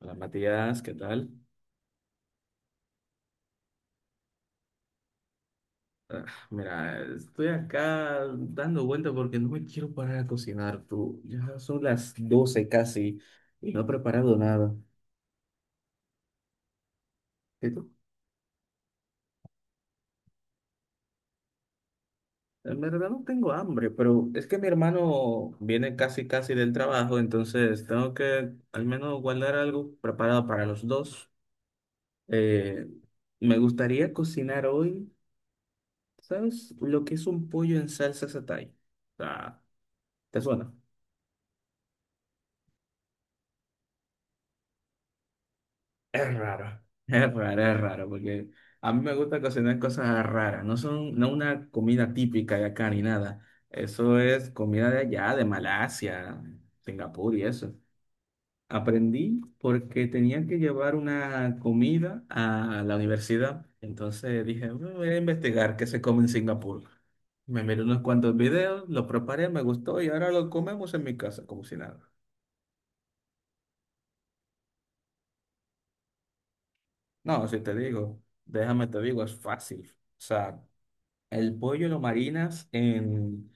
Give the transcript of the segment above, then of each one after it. Hola Matías, ¿qué tal? Mira, estoy acá dando vuelta porque no me quiero parar a cocinar, tú. Ya son las 12 casi y no he preparado nada. ¿Y tú? En verdad no tengo hambre, pero es que mi hermano viene casi casi del trabajo, entonces tengo que al menos guardar algo preparado para los dos. Eh, Me gustaría cocinar hoy, ¿sabes? Lo que es un pollo en salsa satay. Ah, ¿Te suena? Es raro, es raro, porque a mí me gusta cocinar cosas raras, no una comida típica de acá ni nada. Eso es comida de allá, de Malasia, Singapur y eso. Aprendí porque tenían que llevar una comida a la universidad. Entonces dije, "Bueno, voy a investigar qué se come en Singapur. Me miré unos cuantos videos, lo preparé, me gustó y ahora lo comemos en mi casa, como si nada." No, si te digo, déjame te digo, es fácil. O sea, el pollo lo marinas en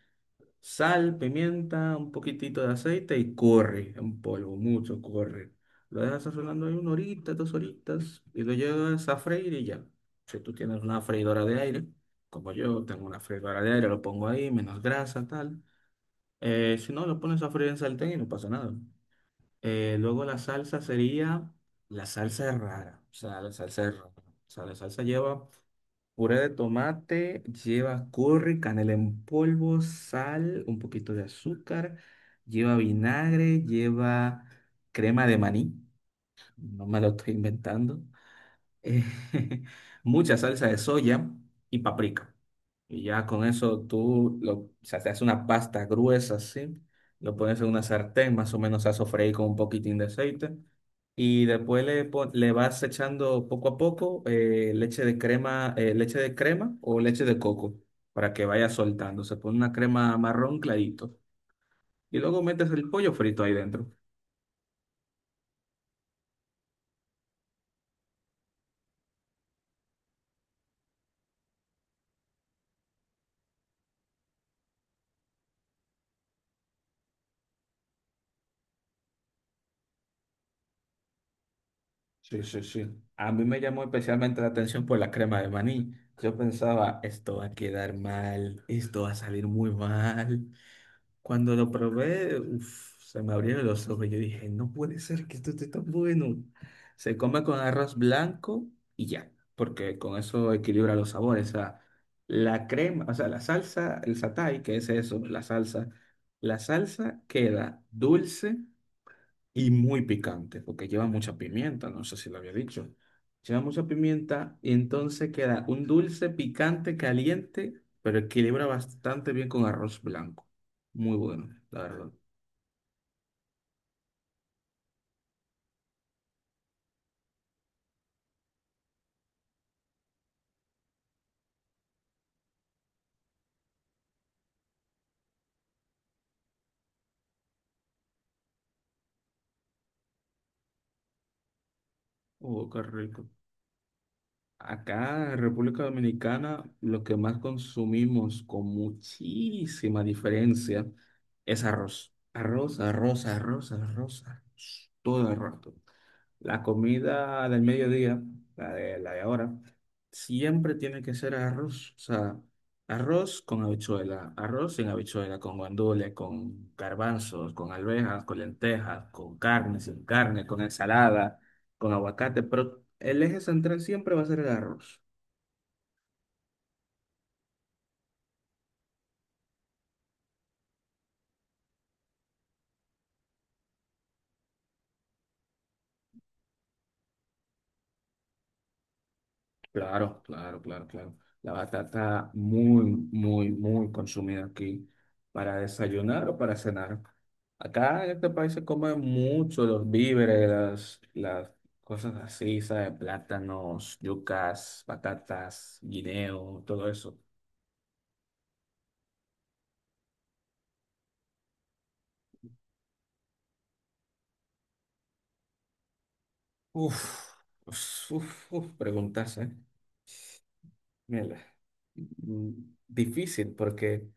sal, pimienta, un poquitito de aceite y corre en polvo, mucho corre. Lo dejas sazonando ahí una horita, dos horitas y lo llevas a freír y ya. Si tú tienes una freidora de aire, como yo tengo una freidora de aire, lo pongo ahí, menos grasa, tal. Si no, lo pones a freír en sartén y no pasa nada. Luego la salsa sería, La salsa es rara, o sea, la salsa es rara. O sea, la salsa lleva puré de tomate, lleva curry, canela en polvo, sal, un poquito de azúcar, lleva vinagre, lleva crema de maní, no me lo estoy inventando, eh, mucha salsa de soya y paprika. Y ya con eso o sea, te haces una pasta gruesa así, lo pones en una sartén, más o menos a sofreír con un poquitín de aceite. Y después le vas echando poco a poco leche de crema o leche de coco para que vaya soltando. Se pone una crema marrón clarito. Y luego metes el pollo frito ahí dentro. Sí, sí, sí. A mí me llamó especialmente la atención por la crema de maní. Yo pensaba, esto va a quedar mal, esto va a salir muy mal. Cuando lo probé, uf, se me abrieron los ojos. Yo dije, no puede ser que esto esté tan bueno. Se come con arroz blanco y ya, porque con eso equilibra los sabores. O sea, la salsa, el satay, que es eso, la salsa. La salsa queda dulce y muy picante, porque lleva mucha pimienta, no sé si lo había dicho. Lleva mucha pimienta y entonces queda un dulce picante caliente, pero equilibra bastante bien con arroz blanco. Muy bueno, la verdad. Oh, qué rico. Acá en República Dominicana lo que más consumimos con muchísima diferencia es arroz. Arroz, arroz, arroz, arroz, arroz, todo el rato. La comida del mediodía, la de ahora, siempre tiene que ser arroz. O sea, arroz con habichuela, arroz sin habichuela, con guandules, con garbanzos, con alvejas, con lentejas, con carne, sin carne, con ensalada, con aguacate. Pero el eje central siempre va a ser el arroz. Claro, claro, claro, claro. La batata muy, muy, muy consumida aquí para desayunar o para cenar. Acá en este país se comen mucho los víveres, las cosas así, ¿sabes? Plátanos, yucas, patatas, guineo, todo eso. Uf, uf, preguntas, ¿eh? Mírala. Mm, Difícil, porque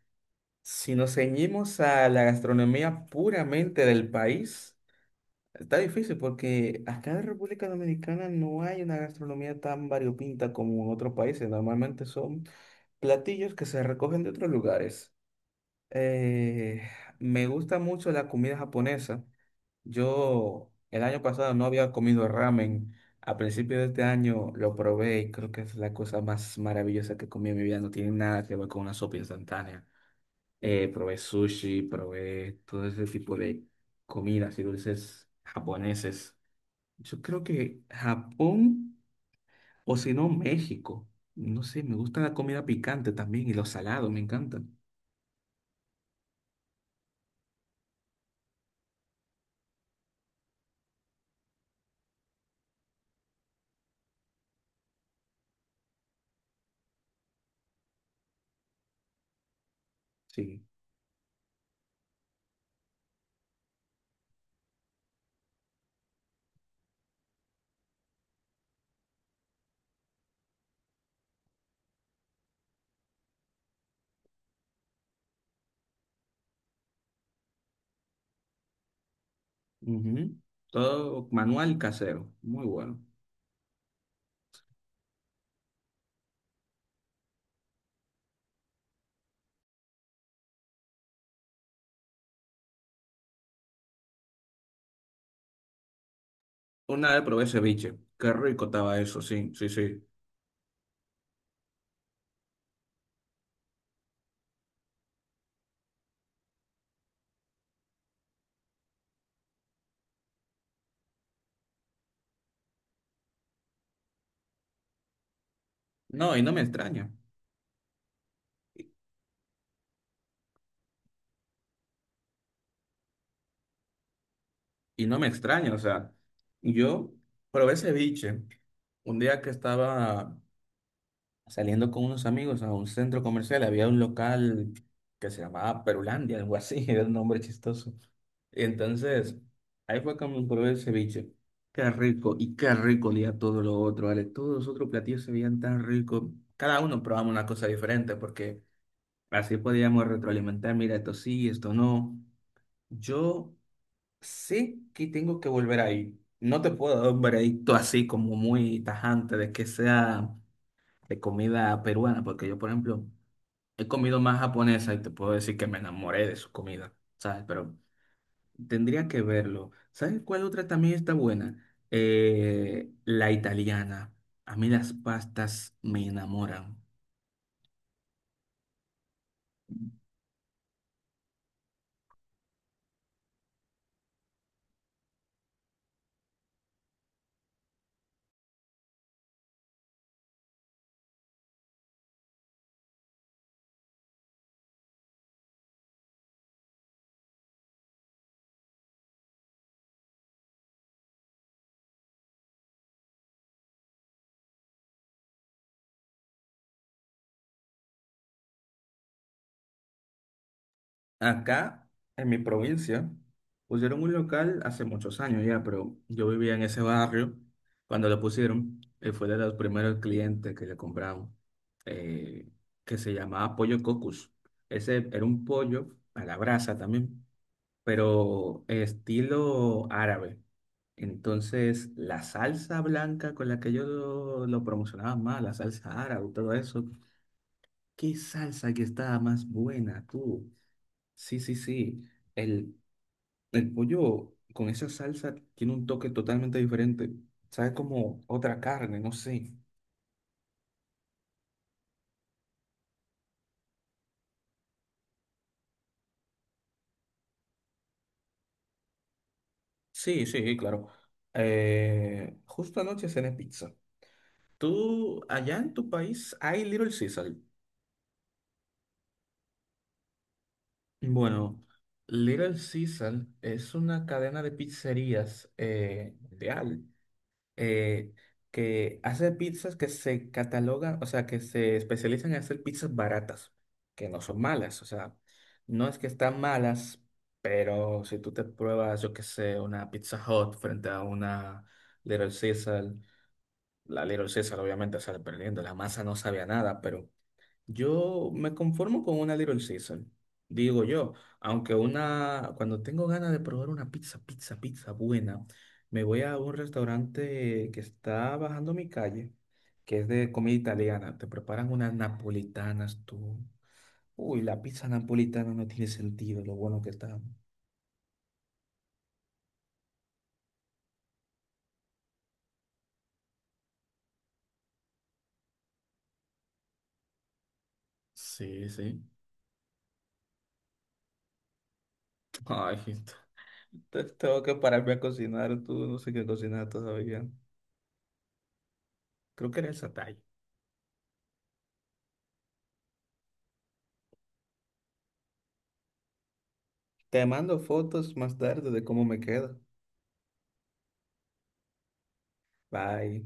si nos ceñimos a la gastronomía puramente del país, está difícil porque acá en República Dominicana no hay una gastronomía tan variopinta como en otros países. Normalmente son platillos que se recogen de otros lugares. Eh, Me gusta mucho la comida japonesa. Yo el año pasado no había comido ramen. A principio de este año lo probé y creo que es la cosa más maravillosa que comí en mi vida. No tiene nada que ver con una sopa instantánea. Probé sushi, probé todo ese tipo de comidas y dulces japoneses. Yo creo que Japón o si no México. No sé, me gusta la comida picante también y los salados, me encantan. Sí. Ujú. Todo manual casero, muy bueno. Una vez probé ceviche, qué rico estaba eso, sí, sí, sí. No, y no me extraña. Y, y no me extraña, o sea, yo probé ceviche un día que estaba saliendo con unos amigos a un centro comercial, había un local que se llamaba Perulandia, algo así, era un nombre chistoso. Entonces, ahí fue cuando me probé el ceviche. Qué rico, y qué rico olía todo lo otro, ¿vale? Todos los otros platillos se veían tan ricos. Cada uno probamos una cosa diferente porque así podíamos retroalimentar, mira, esto sí, esto no. Yo sé que tengo que volver ahí. No te puedo dar un veredicto así como muy tajante de que sea de comida peruana, porque yo, por ejemplo, he comido más japonesa y te puedo decir que me enamoré de su comida, ¿sabes? Pero tendría que verlo. ¿Sabes cuál otra también está buena? La italiana. A mí las pastas me enamoran. Acá, en mi provincia, pusieron un local hace muchos años ya, pero yo vivía en ese barrio cuando lo pusieron. Y fue de los primeros clientes que le compraron, eh, que se llamaba Pollo Cocus. Ese era un pollo a la brasa también, pero estilo árabe. Entonces, la salsa blanca con la que lo promocionaba más, la salsa árabe, todo eso, ¿qué salsa que estaba más buena, tú? Sí, sí, sí. El, el pollo con esa salsa tiene un toque totalmente diferente. Sabe como otra carne, no sé. Sí, sí, claro. Justo anoche cené pizza. ¿Tú, allá en tu país, hay Little Caesar? Bueno, Little Caesar es una cadena de pizzerías mundial. eh, que hace pizzas que se catalogan, o sea, que se especializan en hacer pizzas baratas, que no son malas, o sea, no es que están malas, pero si tú te pruebas, yo qué sé, una Pizza Hut frente a una Little Caesar, la Little Caesar obviamente sale perdiendo, la masa no sabía nada, pero yo me conformo con una Little Caesar, digo yo, cuando tengo ganas de probar una pizza, pizza, pizza buena, me voy a un restaurante que está bajando mi calle, que es de comida italiana, te preparan unas napolitanas, tú. Uy, la pizza napolitana no tiene sentido, lo bueno que está. Sí, sí. Ay, tengo que pararme a cocinar, tú, no sé qué cocinar todavía. Creo que era esa talla. Te mando fotos más tarde de cómo me queda. Bye.